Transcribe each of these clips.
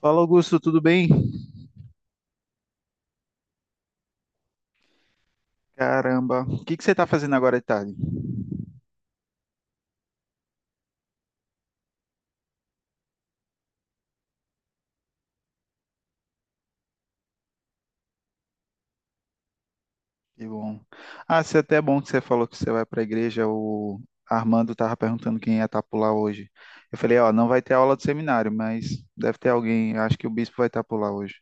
Fala, Augusto, tudo bem? Caramba, o que que você está fazendo agora de tarde? Que bom. Ah, se até é até bom que você falou que você vai para a igreja. O Armando estava perguntando quem ia estar por lá hoje. Eu falei, ó, não vai ter aula do seminário, mas deve ter alguém. Acho que o bispo vai estar por lá hoje.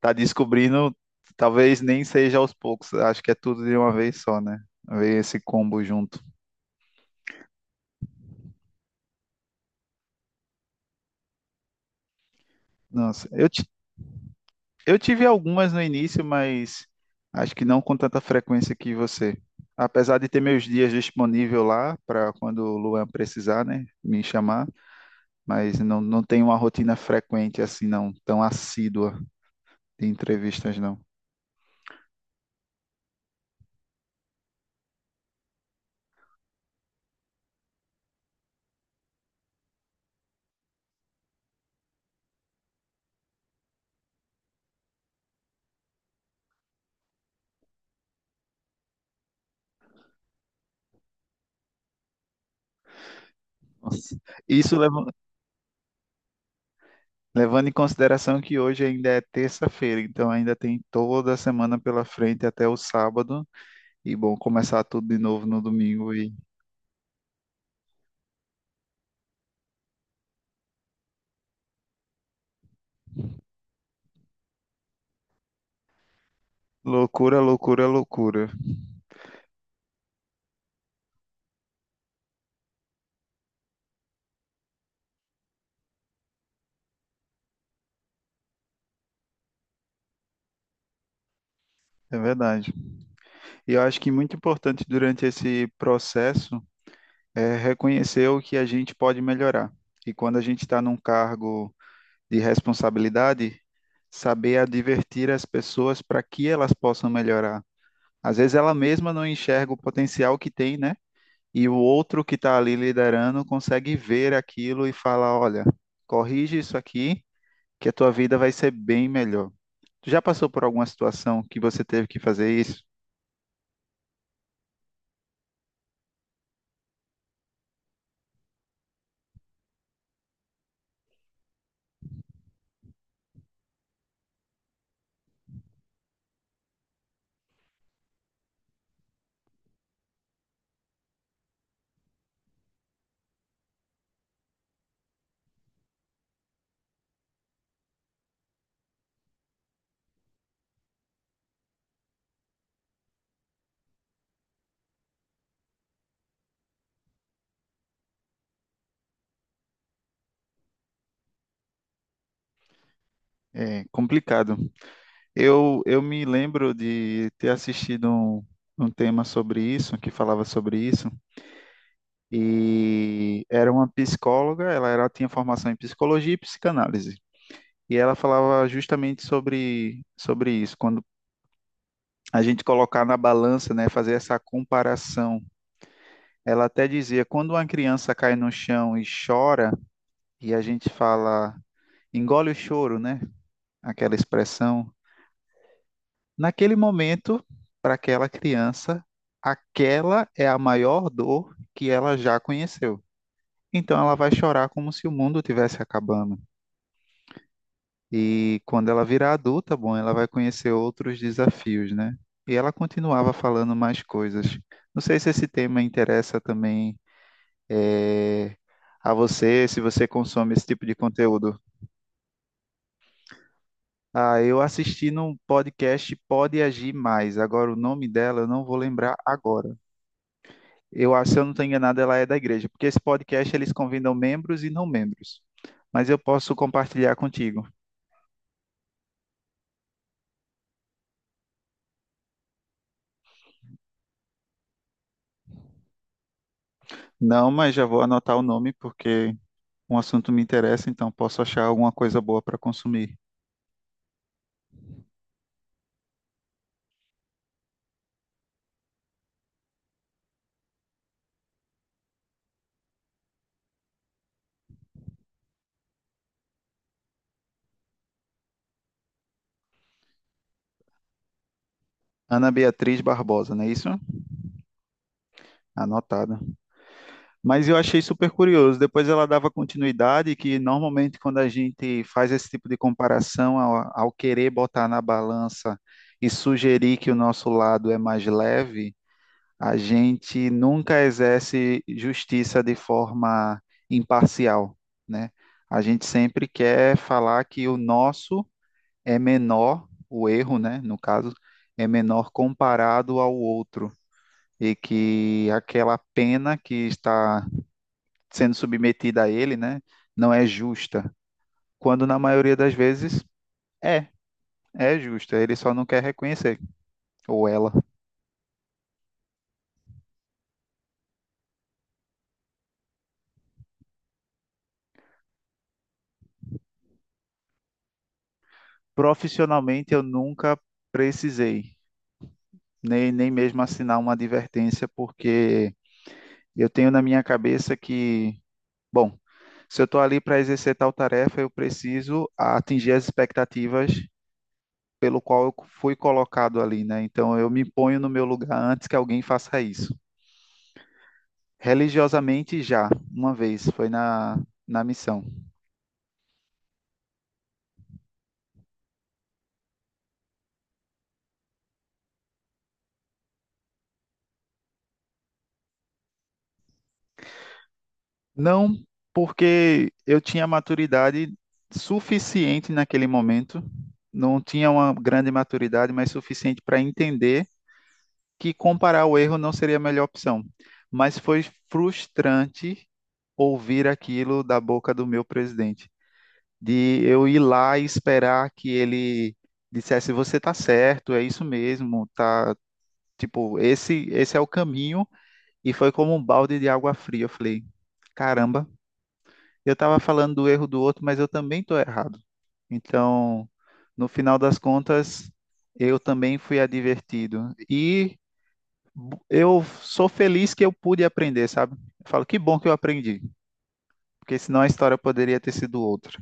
Tá descobrindo, talvez nem seja aos poucos. Acho que é tudo de uma vez só, né? Ver esse combo junto. Nossa, eu eu tive algumas no início, mas acho que não com tanta frequência que você. Apesar de ter meus dias disponível lá para quando o Luan precisar, né, me chamar, mas não tenho uma rotina frequente assim, não, tão assídua de entrevistas, não. Nossa. Isso leva- Levando em consideração que hoje ainda é terça-feira, então ainda tem toda a semana pela frente até o sábado, e bom, começar tudo de novo no domingo e loucura, loucura, loucura. É verdade. E eu acho que muito importante durante esse processo é reconhecer o que a gente pode melhorar. E quando a gente está num cargo de responsabilidade, saber advertir as pessoas para que elas possam melhorar. Às vezes ela mesma não enxerga o potencial que tem, né? E o outro que está ali liderando consegue ver aquilo e fala, olha, corrige isso aqui, que a tua vida vai ser bem melhor. Tu já passou por alguma situação que você teve que fazer isso? É complicado. Eu me lembro de ter um tema sobre isso, que falava sobre isso, e era uma psicóloga, ela era, tinha formação em psicologia e psicanálise, e ela falava justamente sobre isso, quando a gente colocar na balança, né, fazer essa comparação. Ela até dizia, quando uma criança cai no chão e chora, e a gente fala, engole o choro, né, aquela expressão, naquele momento, para aquela criança, aquela é a maior dor que ela já conheceu. Então ela vai chorar como se o mundo tivesse acabando. E quando ela virar adulta, bom, ela vai conhecer outros desafios, né? E ela continuava falando mais coisas. Não sei se esse tema interessa também a você, se você consome esse tipo de conteúdo. Ah, eu assisti num podcast Pode Agir Mais. Agora o nome dela eu não vou lembrar agora. Eu acho, se eu não estou enganado, ela é da igreja, porque esse podcast eles convidam membros e não membros. Mas eu posso compartilhar contigo. Não, mas já vou anotar o nome porque um assunto me interessa, então posso achar alguma coisa boa para consumir. Ana Beatriz Barbosa, não é isso? Anotado. Mas eu achei super curioso. Depois ela dava continuidade, que normalmente quando a gente faz esse tipo de comparação ao querer botar na balança e sugerir que o nosso lado é mais leve, a gente nunca exerce justiça de forma imparcial, né? A gente sempre quer falar que o nosso é menor, o erro, né, no caso, é menor comparado ao outro e que aquela pena que está sendo submetida a ele, né, não é justa, quando na maioria das vezes é, é justa, ele só não quer reconhecer, ou ela. Profissionalmente eu nunca precisei nem mesmo assinar uma advertência, porque eu tenho na minha cabeça que, bom, se eu estou ali para exercer tal tarefa, eu preciso atingir as expectativas pelo qual eu fui colocado ali, né? Então eu me ponho no meu lugar antes que alguém faça isso. Religiosamente já, uma vez, foi na missão. Não porque eu tinha maturidade suficiente naquele momento, não tinha uma grande maturidade, mas suficiente para entender que comparar o erro não seria a melhor opção, mas foi frustrante ouvir aquilo da boca do meu presidente, de eu ir lá e esperar que ele dissesse você tá certo, é isso mesmo, tá, tipo, esse é o caminho e foi como um balde de água fria, eu falei, caramba, eu tava falando do erro do outro, mas eu também tô errado. Então, no final das contas, eu também fui advertido. E eu sou feliz que eu pude aprender, sabe? Eu falo, que bom que eu aprendi, porque senão a história poderia ter sido outra.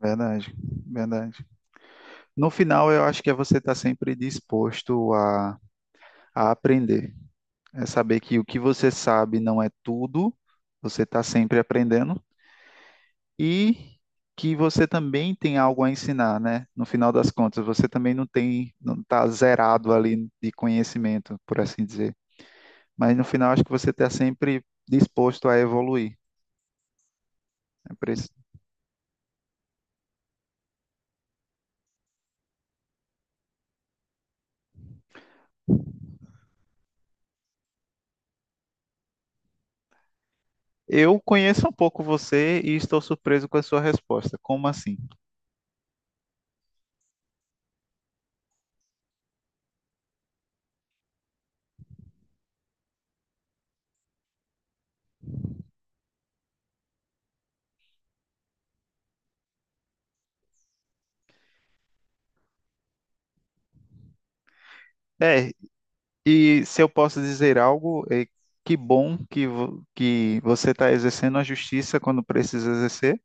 Verdade, verdade. No final, eu acho que é você estar sempre disposto a aprender. É saber que o que você sabe não é tudo, você está sempre aprendendo e que você também tem algo a ensinar, né? No final das contas, você também não tem, não está zerado ali de conhecimento, por assim dizer. Mas no final, acho que você está sempre disposto a evoluir. É por isso. Eu conheço um pouco você e estou surpreso com a sua resposta. Como assim? É, e se eu posso dizer algo, é que bom que, que você está exercendo a justiça quando precisa exercer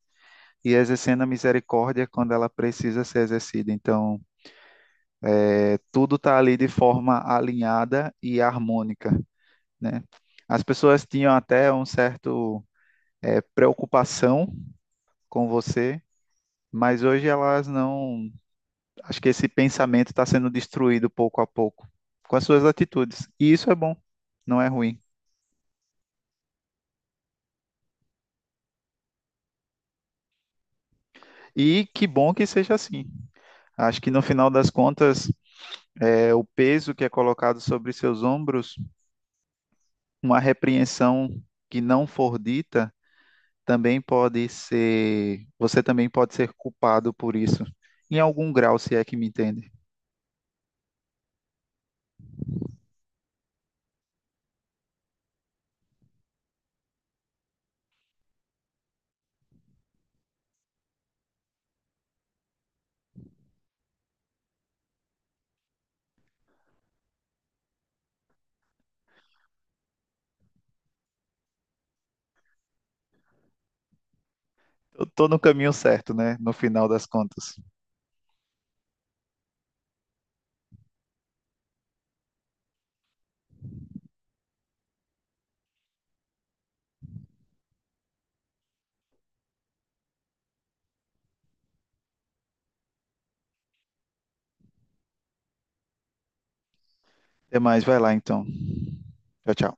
e exercendo a misericórdia quando ela precisa ser exercida. Então, é, tudo está ali de forma alinhada e harmônica, né? As pessoas tinham até um certo, é, preocupação com você, mas hoje elas não. Acho que esse pensamento está sendo destruído pouco a pouco com as suas atitudes. E isso é bom, não é ruim. E que bom que seja assim. Acho que no final das contas, é o peso que é colocado sobre seus ombros, uma repreensão que não for dita, também pode ser, você também pode ser culpado por isso, em algum grau, se é que me entende. Eu tô no caminho certo, né? No final das contas. Até mais, vai lá então. Tchau, tchau.